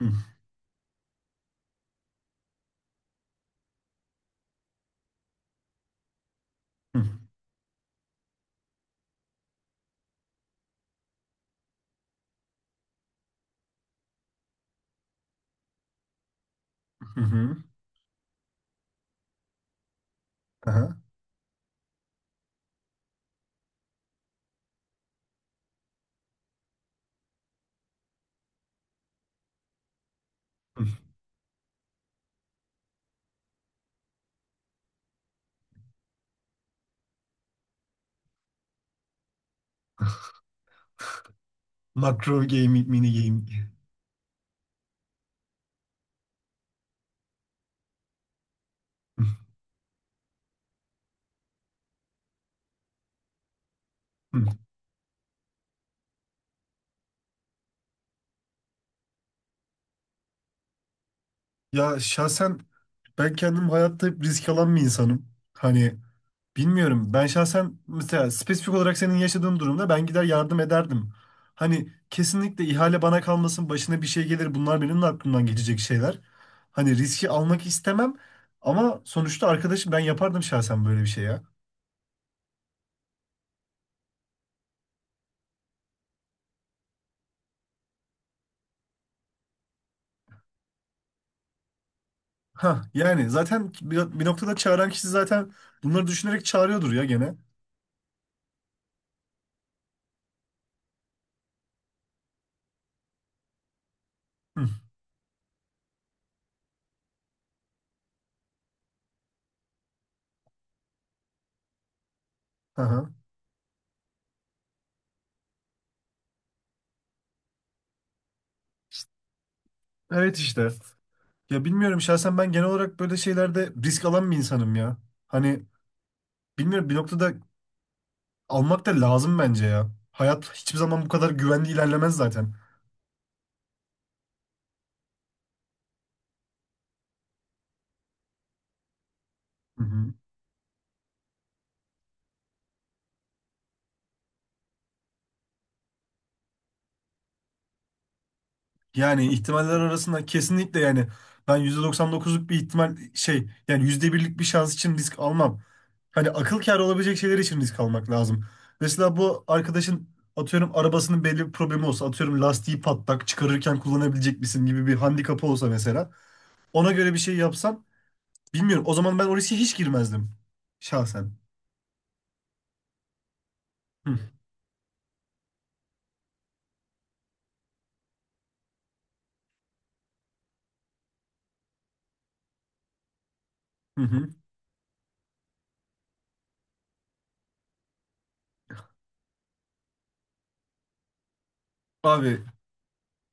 Hı hı hı hı. Aha. Hı. Makro gaming, mini gaming. Hı hı. Ya şahsen ben kendim hayatta hep risk alan bir insanım. Hani bilmiyorum ben şahsen mesela spesifik olarak senin yaşadığın durumda ben gider yardım ederdim. Hani kesinlikle ihale bana kalmasın başına bir şey gelir bunlar benim de aklımdan geçecek şeyler. Hani riski almak istemem ama sonuçta arkadaşım ben yapardım şahsen böyle bir şey ya. Ha yani zaten bir noktada çağıran kişi zaten bunları düşünerek çağırıyordur ya gene. Hı. Aha. Evet işte. Ya bilmiyorum şahsen ben genel olarak böyle şeylerde risk alan bir insanım ya. Hani bilmiyorum bir noktada almak da lazım bence ya. Hayat hiçbir zaman bu kadar güvenli ilerlemez zaten. Hı hı. Yani ihtimaller arasında kesinlikle yani ben %99'luk bir ihtimal şey yani yüzde birlik bir şans için risk almam. Hani akıl kârı olabilecek şeyler için risk almak lazım. Mesela bu arkadaşın atıyorum arabasının belli bir problemi olsa atıyorum lastiği patlak çıkarırken kullanabilecek misin gibi bir handikapı olsa mesela ona göre bir şey yapsan bilmiyorum o zaman ben o riske hiç girmezdim şahsen. Hı, hı hı. Abi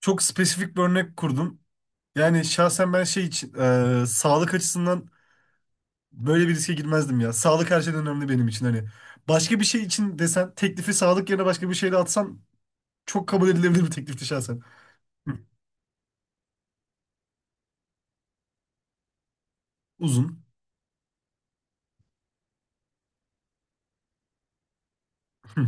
çok spesifik bir örnek kurdum. Yani şahsen ben şey için sağlık açısından böyle bir riske girmezdim ya. Sağlık her şeyden önemli benim için. Hani başka bir şey için desen teklifi sağlık yerine başka bir şeyle atsan çok kabul edilebilir bir teklifti şahsen. Hı. Uzun. Hı.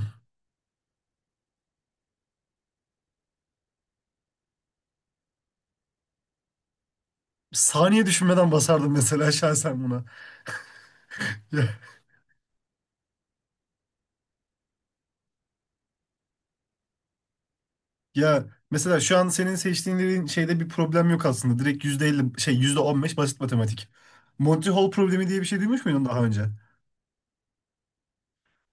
Saniye düşünmeden basardım mesela şahsen buna. Ya, ya, mesela şu an senin seçtiğin şeyde bir problem yok aslında. Direkt %50 şey %15 basit matematik. Monty Hall problemi diye bir şey duymuş muydun daha önce?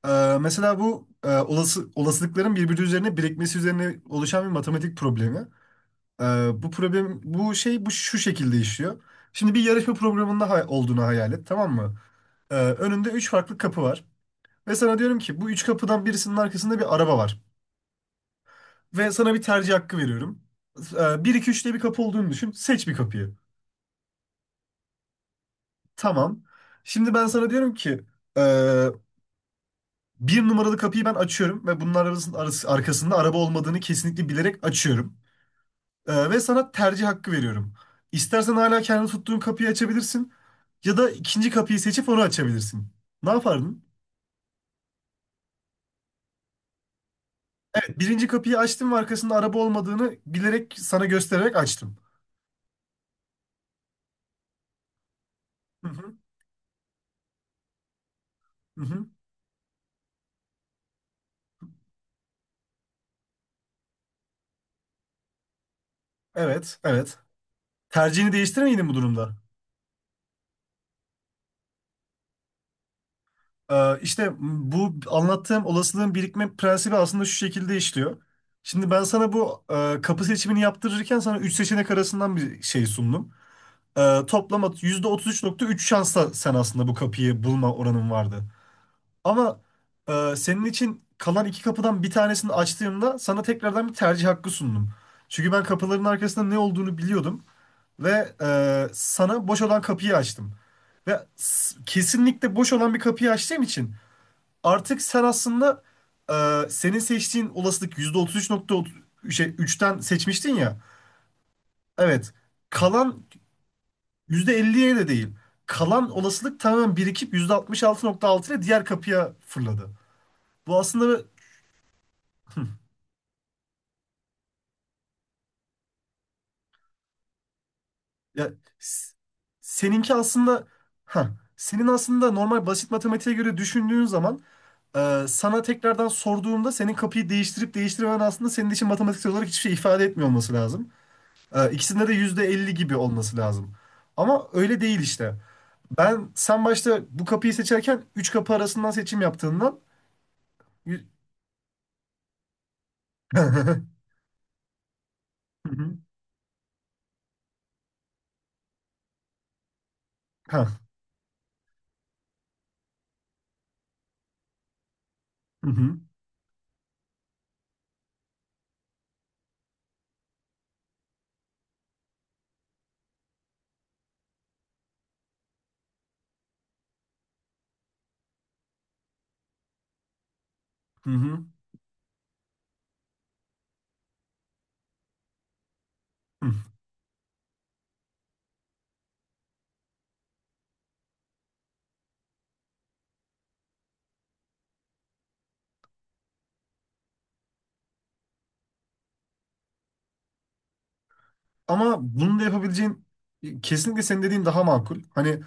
Mesela bu olasılıkların birbiri üzerine birikmesi üzerine oluşan bir matematik problemi. Bu problem bu şey bu Şu şekilde işliyor. Şimdi bir yarışma programında olduğunu hayal et, tamam mı? Önünde üç farklı kapı var. Ve sana diyorum ki bu üç kapıdan birisinin arkasında bir araba var. Ve sana bir tercih hakkı veriyorum. 1, 2, 3 diye bir kapı olduğunu düşün. Seç bir kapıyı. Tamam. Şimdi ben sana diyorum ki ee, bir numaralı kapıyı ben açıyorum ve bunun arkasında araba olmadığını kesinlikle bilerek açıyorum. Ve sana tercih hakkı veriyorum. İstersen hala kendi tuttuğun kapıyı açabilirsin ya da ikinci kapıyı seçip onu açabilirsin. Ne yapardın? Evet, birinci kapıyı açtım ve arkasında araba olmadığını bilerek sana göstererek açtım. Hı hı, hı hı. Evet, evet. Tercihini değiştirir miydin bu durumda? İşte bu anlattığım olasılığın birikme prensibi aslında şu şekilde işliyor. Şimdi ben sana kapı seçimini yaptırırken sana üç seçenek arasından bir şey sundum. Toplam %33,3 şansla sen aslında bu kapıyı bulma oranın vardı. Ama senin için kalan iki kapıdan bir tanesini açtığımda sana tekrardan bir tercih hakkı sundum. Çünkü ben kapıların arkasında ne olduğunu biliyordum ve sana boş olan kapıyı açtım. Ve kesinlikle boş olan bir kapıyı açtığım için artık sen aslında senin seçtiğin olasılık %33,3'ten seçmiştin ya. Evet. Kalan %50'ye de değil. Kalan olasılık tamamen birikip %66,6 ile diğer kapıya fırladı. Bu aslında... Hı. ya s- seninki aslında ha senin aslında normal basit matematiğe göre düşündüğün zaman sana tekrardan sorduğumda senin kapıyı değiştirip değiştirmemen aslında senin için matematiksel olarak hiçbir şey ifade etmiyor olması lazım. E, ikisinde de %50 gibi olması lazım. Ama öyle değil işte. Ben sen başta bu kapıyı seçerken 3 kapı arasından seçim yaptığından... Ha. Hı hı. Hı hı. Hı. Ama bunu da yapabileceğin kesinlikle senin dediğin daha makul. Hani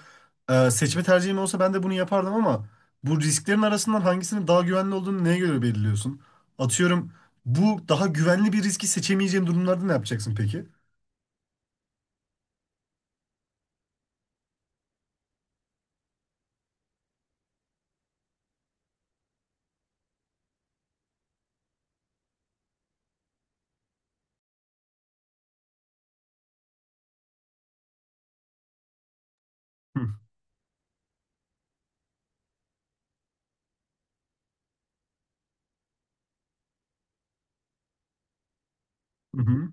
seçme tercihim olsa ben de bunu yapardım ama bu risklerin arasından hangisinin daha güvenli olduğunu neye göre belirliyorsun? Atıyorum bu daha güvenli bir riski seçemeyeceğin durumlarda ne yapacaksın peki? Hı hı. Hı.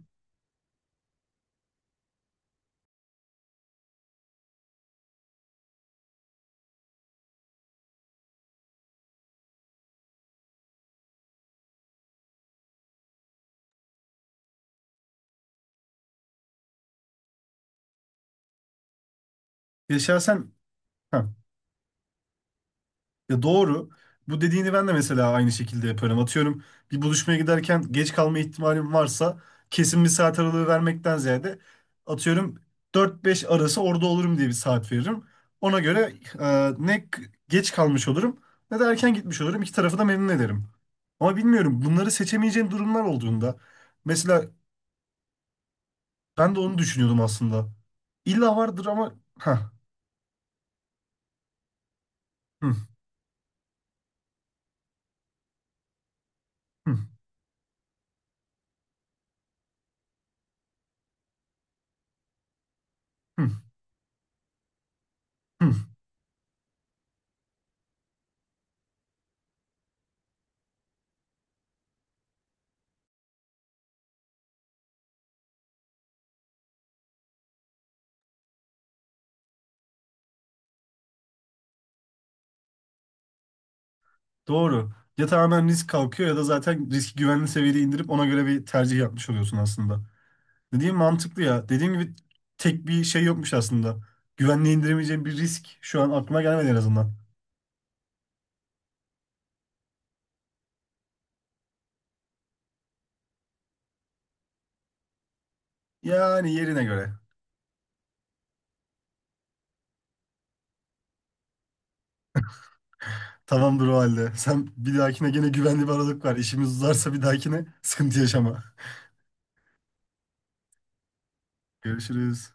Ya doğru. Bu dediğini ben de mesela aynı şekilde yaparım. Atıyorum bir buluşmaya giderken geç kalma ihtimalim varsa kesin bir saat aralığı vermekten ziyade atıyorum dört beş arası orada olurum diye bir saat veririm. Ona göre e, ne k- geç kalmış olurum ne de erken gitmiş olurum. İki tarafı da memnun ederim. Ama bilmiyorum bunları seçemeyeceğim durumlar olduğunda. Mesela ben de onu düşünüyordum aslında. İlla vardır ama... Hah. Hı, hı, hı, hı. Doğru. Ya tamamen risk kalkıyor ya da zaten riski güvenli seviyede indirip ona göre bir tercih yapmış oluyorsun aslında. Dediğim mantıklı ya. Dediğim gibi tek bir şey yokmuş aslında. Güvenli indiremeyeceğim bir risk şu an aklıma gelmedi en azından. Yani yerine göre. Tamamdır o halde. Sen bir dahakine gene güvenli bir aralık var. İşimiz uzarsa bir dahakine sıkıntı yaşama. Görüşürüz.